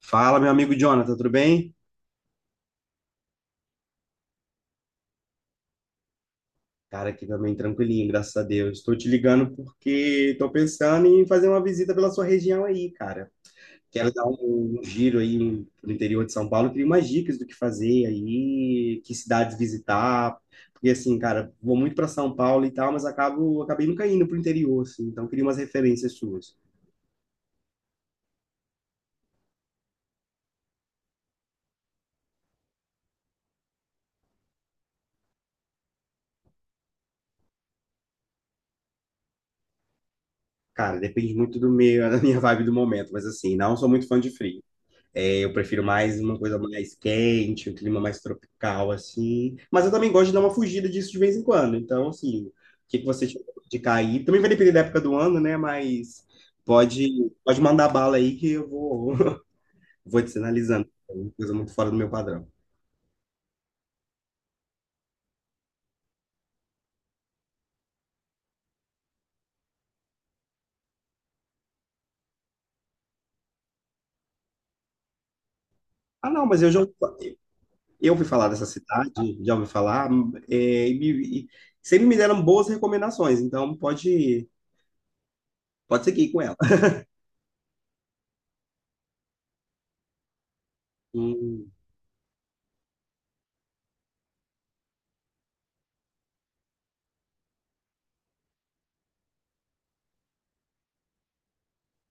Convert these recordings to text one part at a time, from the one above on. Fala, meu amigo Jonathan, tudo bem? Cara, aqui também tranquilinho, graças a Deus. Estou te ligando porque estou pensando em fazer uma visita pela sua região aí, cara. Quero dar um giro aí no interior de São Paulo, queria umas dicas do que fazer aí, que cidades visitar, porque assim, cara, vou muito para São Paulo e tal, mas acabei nunca indo pro interior, assim, então queria umas referências suas. Cara, depende muito do meio, da minha vibe do momento, mas assim, não sou muito fã de frio. É, eu prefiro mais uma coisa mais quente, um clima mais tropical, assim. Mas eu também gosto de dar uma fugida disso de vez em quando. Então, assim, o que que você tiver de cair? Também vai depender da época do ano, né? Mas pode, pode mandar bala aí que eu vou, vou te sinalizando. É uma coisa muito fora do meu padrão. Ah, não, mas eu ouvi falar dessa cidade, já ouvi falar, e sempre me deram boas recomendações, então pode seguir com ela. Hum,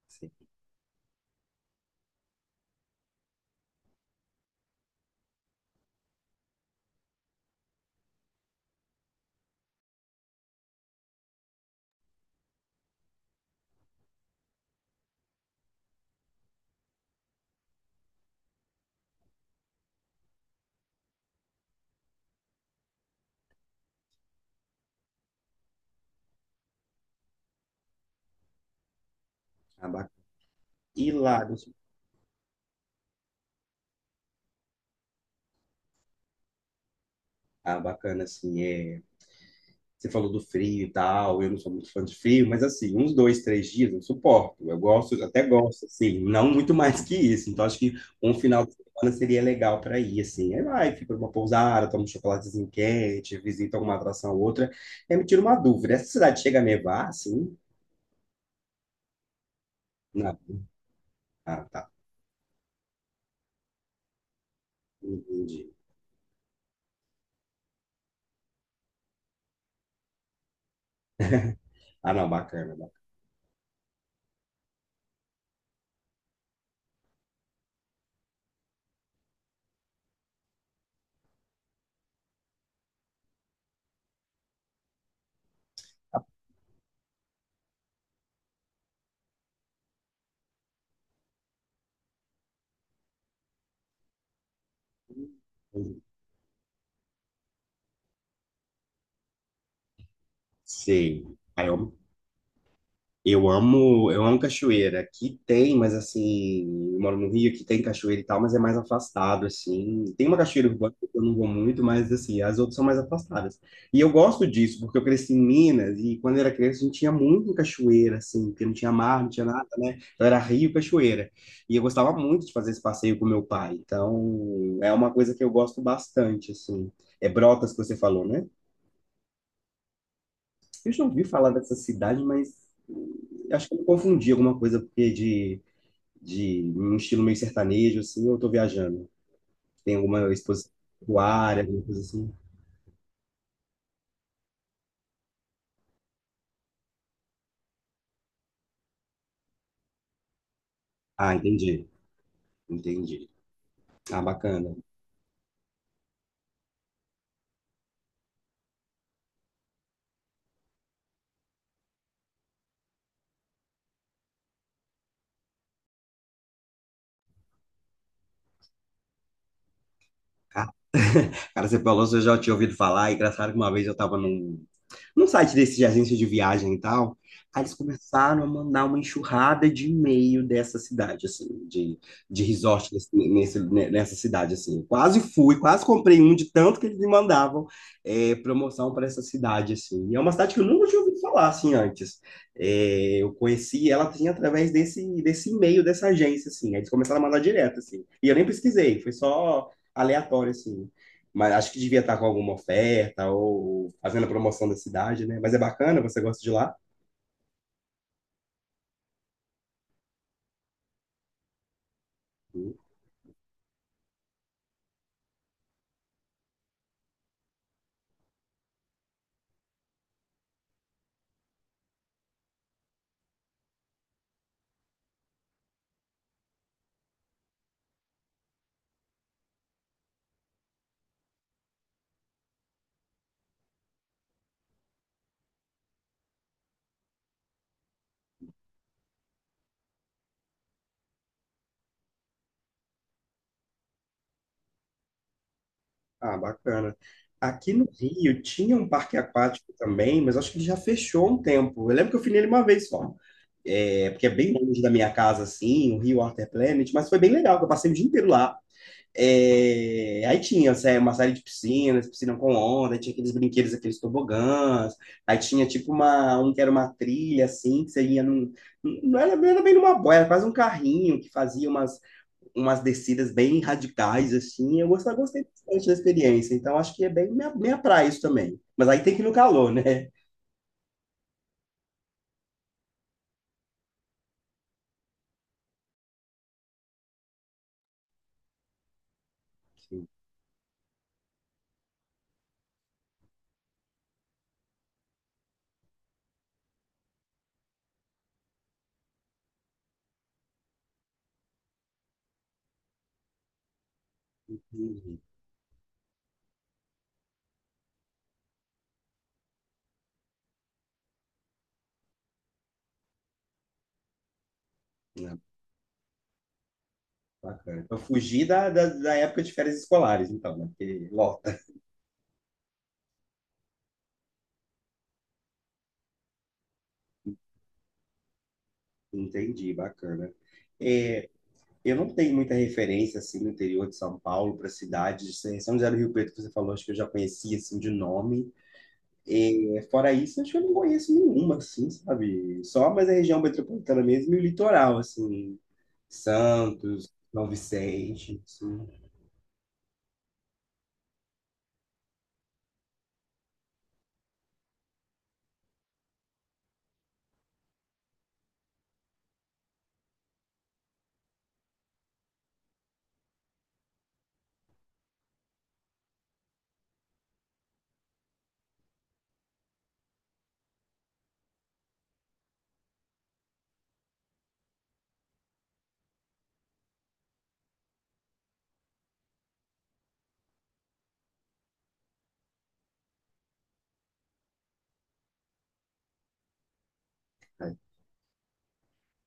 sim. Ah, ba- E lá, deixa- bacana, assim, é. Você falou do frio e tal, eu não sou muito fã de frio, mas assim, uns dois, três dias eu suporto. Eu gosto, até gosto, assim, não muito mais que isso. Então, acho que um final de semana seria legal para ir, assim. Aí vai, fica numa pousada, toma um chocolatezinho quente, visita alguma atração ou outra. Aí me tira uma dúvida: essa cidade chega a nevar, assim? Não. Ah, tá. Entendi. Ah, não, bacana. Bacana. Sei. Eu amo cachoeira. Aqui tem, mas assim, eu moro no Rio, aqui tem cachoeira e tal, mas é mais afastado, assim. Tem uma cachoeira urbana que eu não vou muito, mas assim, as outras são mais afastadas. E eu gosto disso, porque eu cresci em Minas e quando eu era criança a gente tinha muito cachoeira, assim, porque não tinha mar, não tinha nada, né? Então era rio, cachoeira. E eu gostava muito de fazer esse passeio com meu pai. Então, é uma coisa que eu gosto bastante, assim. É Brotas que você falou, né? Eu já ouvi falar dessa cidade, mas acho que eu confundi alguma coisa porque de um estilo meio sertanejo, assim, eu tô viajando. Tem alguma exposição área, alguma coisa assim. Ah, entendi. Entendi. Ah, bacana. Ah, cara, você falou, se eu já tinha ouvido falar. E engraçado que uma vez eu estava num site desse de agência de viagem e tal. Aí eles começaram a mandar uma enxurrada de e-mail dessa cidade, assim, de resort nessa cidade, assim. Eu quase fui, quase comprei um de tanto que eles me mandavam promoção para essa cidade, assim. E é uma cidade que eu nunca tinha ouvido falar, assim, antes. É, eu conheci ela, assim, através desse e-mail dessa agência, assim. Aí eles começaram a mandar direto, assim. E eu nem pesquisei, foi só aleatório, assim mas acho que devia estar com alguma oferta ou fazendo a promoção da cidade, né? Mas é bacana, você gosta de lá? Ah, bacana. Aqui no Rio tinha um parque aquático também, mas acho que ele já fechou um tempo. Eu lembro que eu fui nele uma vez só. É, porque é bem longe da minha casa, assim, o Rio Water Planet, mas foi bem legal, que eu passei o dia inteiro lá. É, aí tinha uma série de piscinas, piscina com onda, aí tinha aqueles brinquedos, aqueles tobogãs, aí tinha tipo um que era uma trilha assim, que você ia num, não era bem numa boia, era quase um carrinho que fazia umas descidas bem radicais assim, eu gostei, gostei bastante da experiência, então acho que é bem minha praia isso também, mas aí tem que ir no calor, né? Uhum. É, bacana. Para fugir da época de férias escolares, então, né? Porque lota. Entendi, bacana. É, eu não tenho muita referência assim no interior de São Paulo para cidades. São José do Rio Preto que você falou, acho que eu já conhecia assim de nome. E, fora isso, acho que eu não conheço nenhuma assim, sabe? Só mais a região metropolitana mesmo e o litoral assim, Santos, São Vicente, assim.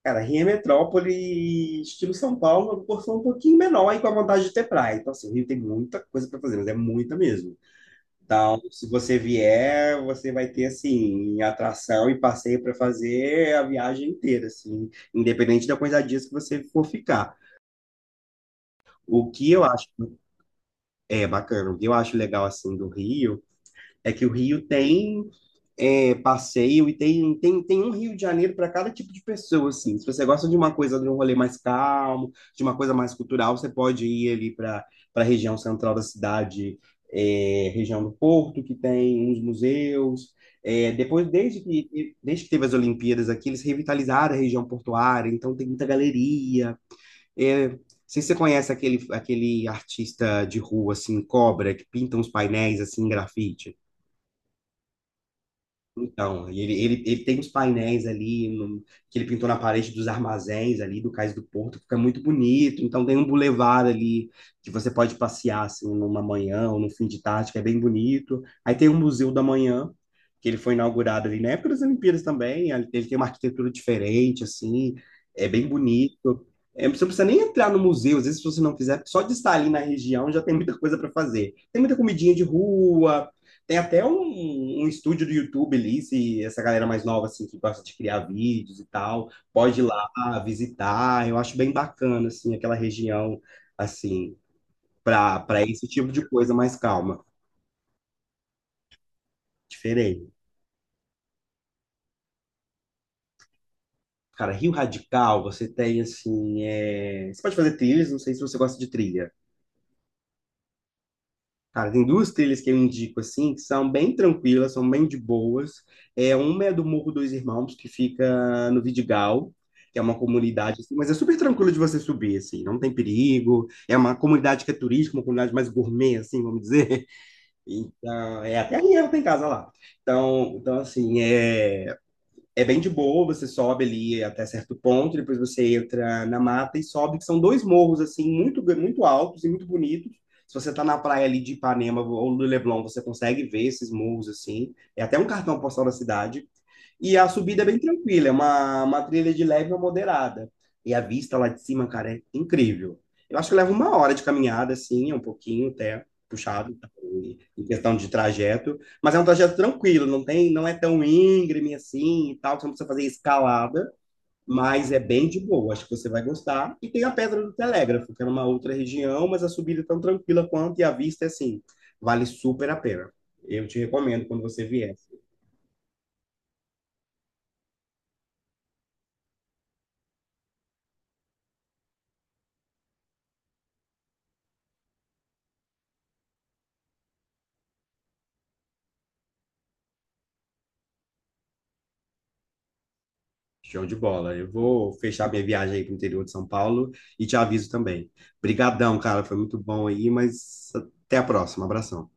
Cara, Rio é metrópole, estilo São Paulo, uma porção um pouquinho menor e com a vontade de ter praia. Então, assim, o Rio tem muita coisa para fazer, mas é muita mesmo. Então, se você vier, você vai ter assim atração e passeio para fazer a viagem inteira, assim, independente da quantidade de dias que você for ficar. O que eu acho é bacana, o que eu acho legal assim do Rio é que o Rio tem passeio e tem um Rio de Janeiro para cada tipo de pessoa, assim. Se você gosta de uma coisa, de um rolê mais calmo, de uma coisa mais cultural, você pode ir ali para a região central da cidade, é, região do Porto, que tem uns museus. É, depois, desde que teve as Olimpíadas aqui, eles revitalizaram a região portuária, então tem muita galeria. É, não sei se você conhece aquele artista de rua, assim, Cobra, que pinta uns painéis, assim, em grafite. Então, e ele tem uns painéis ali que ele pintou na parede dos armazéns ali do Cais do Porto, que fica muito bonito. Então tem um bulevar ali que você pode passear assim numa manhã ou num fim de tarde, que é bem bonito. Aí tem o Museu da Manhã, que ele foi inaugurado ali na época das Olimpíadas também. Ele tem uma arquitetura diferente assim, é bem bonito. É, você não precisa nem entrar no museu, às vezes se você não quiser, só de estar ali na região já tem muita coisa para fazer. Tem muita comidinha de rua, tem até um estúdio do YouTube ali, se essa galera mais nova, assim, que gosta de criar vídeos e tal, pode ir lá visitar. Eu acho bem bacana, assim, aquela região, assim, para esse tipo de coisa mais calma, diferente. Cara, Rio Radical, você tem, assim, você pode fazer trilhas, não sei se você gosta de trilha. Cara, tem duas trilhas que eu indico assim, que são bem tranquilas, são bem de boas. É, uma é do Morro dos Irmãos, que fica no Vidigal, que é uma comunidade assim, mas é super tranquilo de você subir assim, não tem perigo. É uma comunidade que é turística, uma comunidade mais gourmet assim, vamos dizer. Então, é até a minha tem casa lá. Então, assim, é bem de boa, você sobe ali até certo ponto, depois você entra na mata e sobe, que são dois morros, assim, muito, muito altos e muito bonitos. Se você tá na praia ali de Ipanema ou do Leblon, você consegue ver esses morros, assim. É até um cartão postal da cidade. E a subida é bem tranquila, é uma trilha de leve a moderada. E a vista lá de cima, cara, é incrível. Eu acho que leva uma hora de caminhada, assim, um pouquinho até puxado, tá, em questão de trajeto. Mas é um trajeto tranquilo, não tem, não é tão íngreme assim e tal, você não precisa fazer escalada, mas é bem de boa, acho que você vai gostar. E tem a Pedra do Telégrafo, que é numa outra região, mas a subida é tão tranquila quanto e a vista é assim, vale super a pena. Eu te recomendo quando você vier. Show de bola. Eu vou fechar minha viagem aí pro interior de São Paulo e te aviso também. Brigadão, cara, foi muito bom aí, mas até a próxima. Abração.